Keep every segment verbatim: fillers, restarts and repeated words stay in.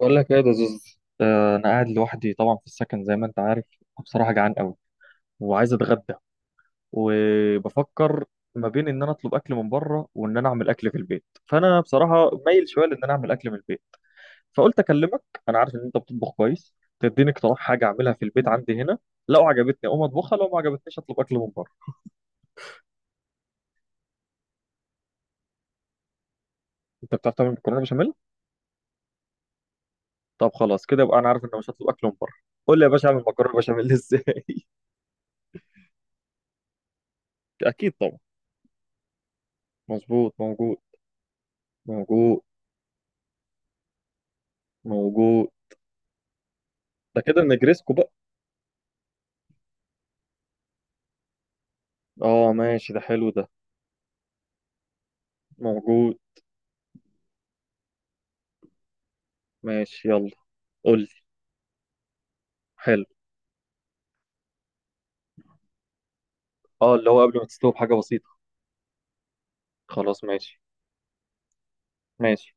بقول لك ايه يا زوز، آه، انا قاعد لوحدي طبعا في السكن زي ما انت عارف. بصراحه جعان قوي وعايز اتغدى، وبفكر ما بين ان انا اطلب اكل من بره وان انا اعمل اكل في البيت، فانا بصراحه مايل شويه لان انا اعمل اكل من البيت. فقلت اكلمك. انا عارف ان انت بتطبخ كويس، تديني اقتراح حاجه اعملها في البيت عندي هنا، لو عجبتني اقوم اطبخها لو ما عجبتنيش اطلب اكل من بره. انت بتعرف تعمل مكرونه بشاميل؟ طب خلاص كده يبقى انا عارف ان أنا مش هطلب اكل من بره. قول لي يا باشا اعمل مكرونه بشاميل ازاي؟ اكيد طبعا. مظبوط، موجود. موجود. موجود. ده كده نجريسكو بقى. اه، ماشي، ده حلو ده. موجود. ماشي يلا. قول لي. حلو. اه، اللي هو قبل ما تستوي بحاجة بسيطة. خلاص ماشي. ماشي.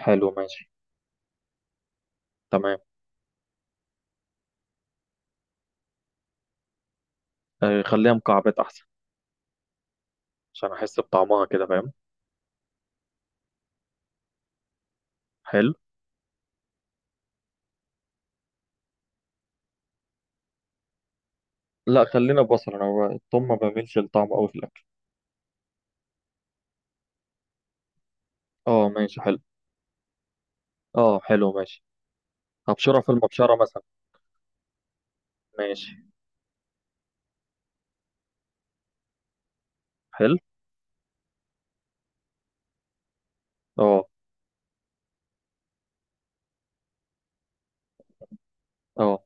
حلو ماشي. تمام. آه، خليها مكعبات أحسن. عشان أحس بطعمها كده، فاهم؟ حلو. لا خلينا بصل، أنا ب- التوم ما بعملش الطعم أوي في الأكل. اه ماشي حلو. اه حلو ماشي. أبشرها في المبشرة مثلا. ماشي. حلو. اه. اه.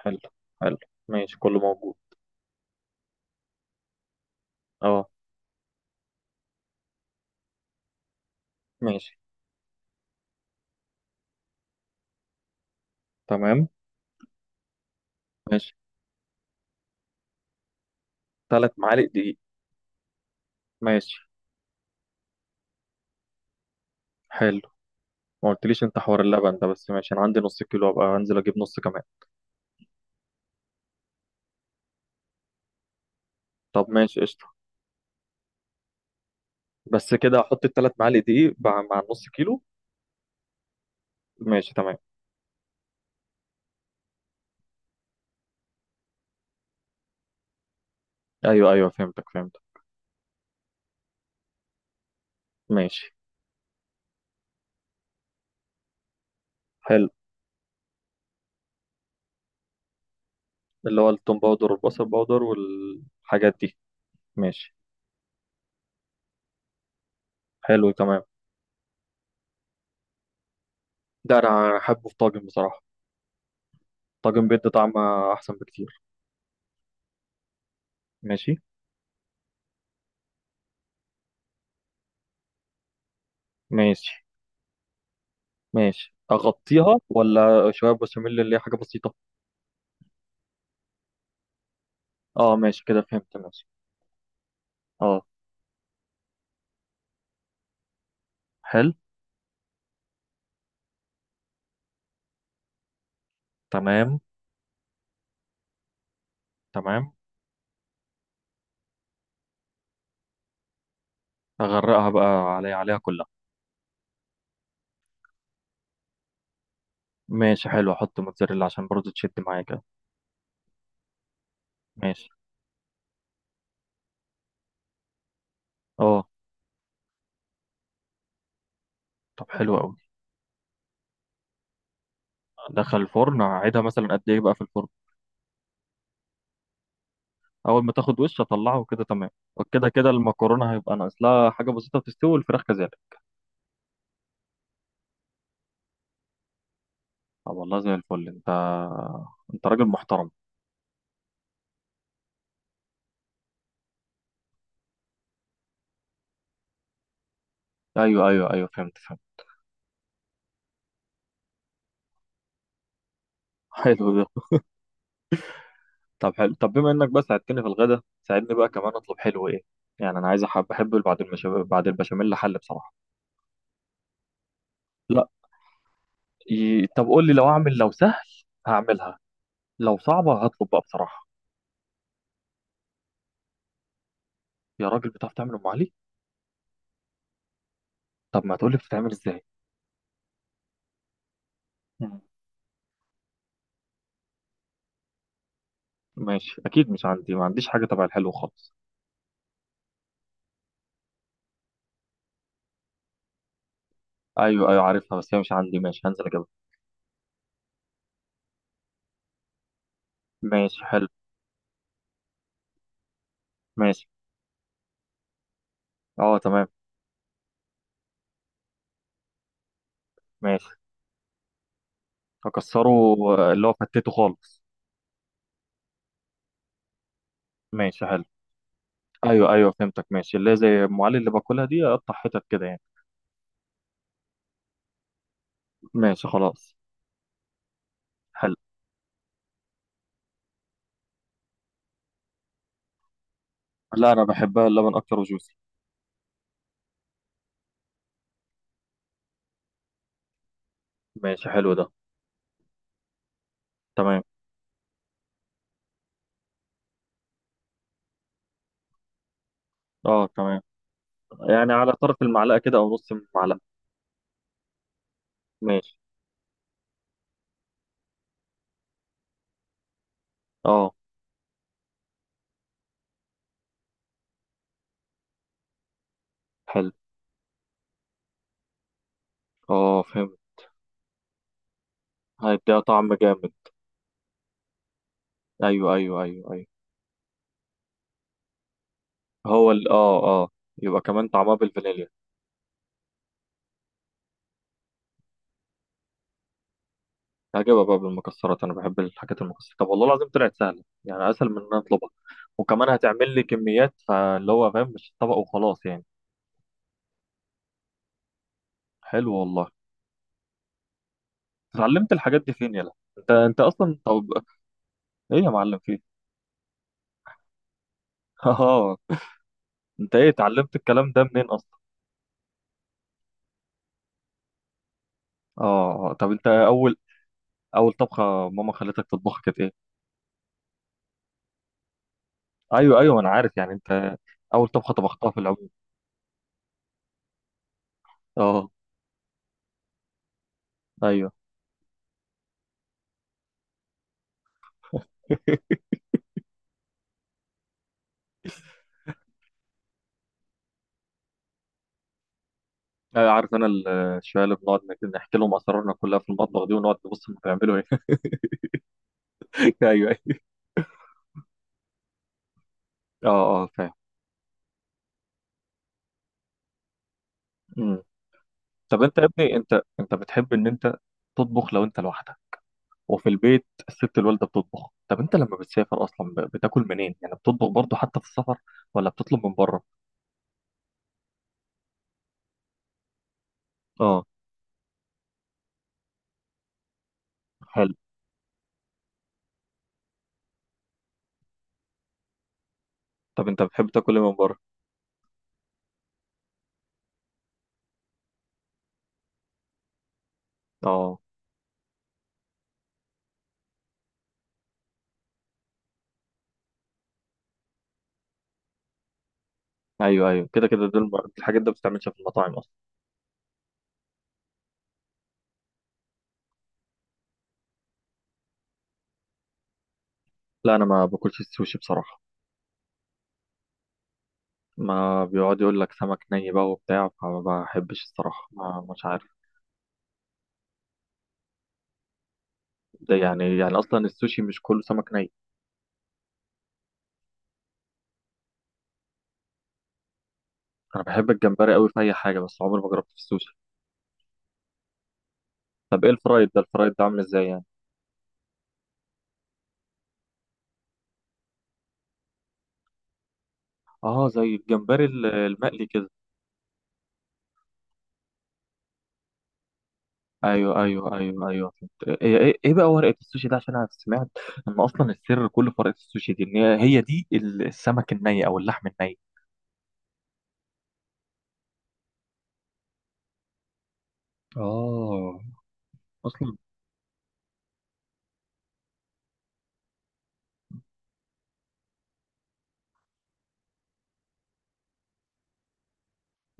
حلو. حلو. ماشي، كله موجود. اه. ماشي. تمام. ماشي. تلات معالق دقيق. ماشي. حلو. ما قلتليش انت حوار اللبن ده، بس ماشي، انا عندي نص كيلو، ابقى انزل اجيب نص كمان. طب ماشي قشطه. بس كده احط الثلاث معالق دقيق مع مع النص كيلو؟ ماشي تمام. ايوه ايوه، فهمتك فهمتك. ماشي. حلو، اللي هو التوم باودر والبصل باودر والحاجات دي. ماشي. حلو تمام. ده انا احبه في طاجن بصراحه. طاجن بيدي طعم، احسن بكتير. ماشي. ماشي. ماشي، اغطيها ولا شويه بشاميل اللي هي حاجه بسيطه؟ اه ماشي، كده فهمت، ماشي. اه. حلو. تمام. تمام. اغرقها بقى، علي عليها كلها. ماشي حلو، احط موتزاريلا عشان برضه تشد معايا كده. ماشي. اه. طب حلو قوي. دخل الفرن، اقعدها مثلا قد ايه بقى في الفرن؟ اول ما تاخد وش اطلعه وكده تمام. وكده كده المكرونه هيبقى ناقص لها حاجه بسيطه تستوي، والفراخ كذلك. طب والله زي الفل انت. انت راجل محترم. ايوه ايوه ايوه، فهمت فهمت. حلو ده. طب حلو، طب بما انك بقى ساعدتني في الغدا، ساعدني بقى كمان اطلب حلو ايه. يعني انا عايز أحب- بحب بعد المشا... بعد البشاميل حل بصراحه. لا. ي... طب قول لي، لو اعمل لو سهل هعملها، لو صعبه هطلب بقى بصراحه. يا راجل بتعرف تعمل ام علي؟ طب ما تقول لي بتتعمل ازاي. مم. ماشي اكيد، مش عندي، ما عنديش حاجه تبع الحلو خالص. ايوه ايوه عارفها، بس هي مش عندي، ماشي هنزل اجيبها. ماشي حلو. ماشي. اه تمام. ماشي. اكسره. آه، اللي هو فتته خالص. ماشي حلو. ايوه ايوه فهمتك، ماشي، اللي هي زي ام علي اللي باكلها دي، اقطع حتت كده يعني. ماشي خلاص. حلو. لا، انا بحبها اللبن اكتر وجوسي. ماشي حلو ده. تمام. اه تمام. يعني على طرف المعلقة كده أو نص المعلقة. ماشي. اه. حلو. اه فهمت. هيديها طعم جامد. أيوه أيوه أيوه أيوه. هو ال اه اه يبقى كمان طعمها بالفانيليا. هجيبها بقى بالمكسرات، أنا بحب الحاجات المكسرة. طب والله العظيم طلعت سهلة، يعني أسهل من إن أنا أطلبها. وكمان هتعمل لي كميات، فاللي هو فاهم، مش طبق وخلاص يعني. حلو والله. اتعلمت الحاجات دي فين يلا؟ انت انت اصلا طب. ايه يا معلم فيه؟ اه. انت ايه اتعلمت الكلام ده منين اصلا؟ اه، آه. طب انت اول. اول طبخه ماما خلتك تطبخها كانت ايه؟ ايوه ايوه انا عارف، يعني انت. اول طبخه طبختها في العموم. اه. ايوه. أيوة، عارف انا ال- الشوية اللي بنقعد نك- نحكي لهم اسرارنا كلها في المطبخ دي، ونقعد نبص هم بيعملوا ايه. ايوه ايوه. اه اه فاهم. مم. طب انت يا ابني، انت انت بتحب ان انت تطبخ لو انت لوحدك وفي البيت الست الوالده بتطبخ؟ طب انت لما بتسافر اصلا ب- بتاكل منين، يعني بتطبخ برضو حتى في السفر ولا بتطلب من بره؟ اه. حلو. طب انت بتحب تاكل ايه من بره؟ اه. ايوه ايوه كده كده دول. الحاجات ده ما بتتعملش في المطاعم اصلا. لا انا ما باكلش السوشي بصراحه. ما بيقعد يقول لك سمك ني بقى وبتاع، فما بحبش الصراحه، ما مش عارف. ده يعني يعني اصلا السوشي مش كله سمك ني. انا بحب الجمبري قوي في اي حاجه، بس عمري ما جربت في السوشي. طب ايه الفرايد ده، الفرايد ده عامل ازاي يعني؟ اه زي الجمبري ال- المقلي كده. ايوه ايوه ايوه ايوه فهمت. ايه ايه إيه بقى ورقه السوشي ده؟ عشان انا سمعت ان اصلا السر كله في ورقه السوشي دي، ان هي هي دي السمك الني او اللحم الني. اه اصلا.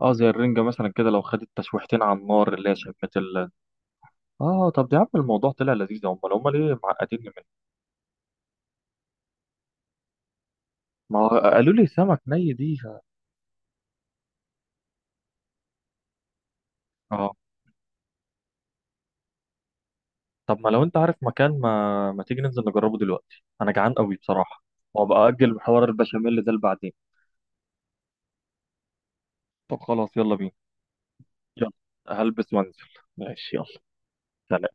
اه زي الرنجة مثلا، كده لو خدت تشويحتين على النار، اللي هي شمت ال. اه طب يا عم الموضوع طلع لذيذ، هم هم ليه معقدين منه؟ ما هو قالوا لي سمك ني دي ف- اه طب ما لو انت عارف مكان، ما ما تيجي ننزل نجربه دلوقتي، انا جعان قوي بصراحة. وابقى اجل حوار البشاميل ده لبعدين. طب خلاص يلا بينا. يلا. هلبس وانزل. ماشي يلا. سلام.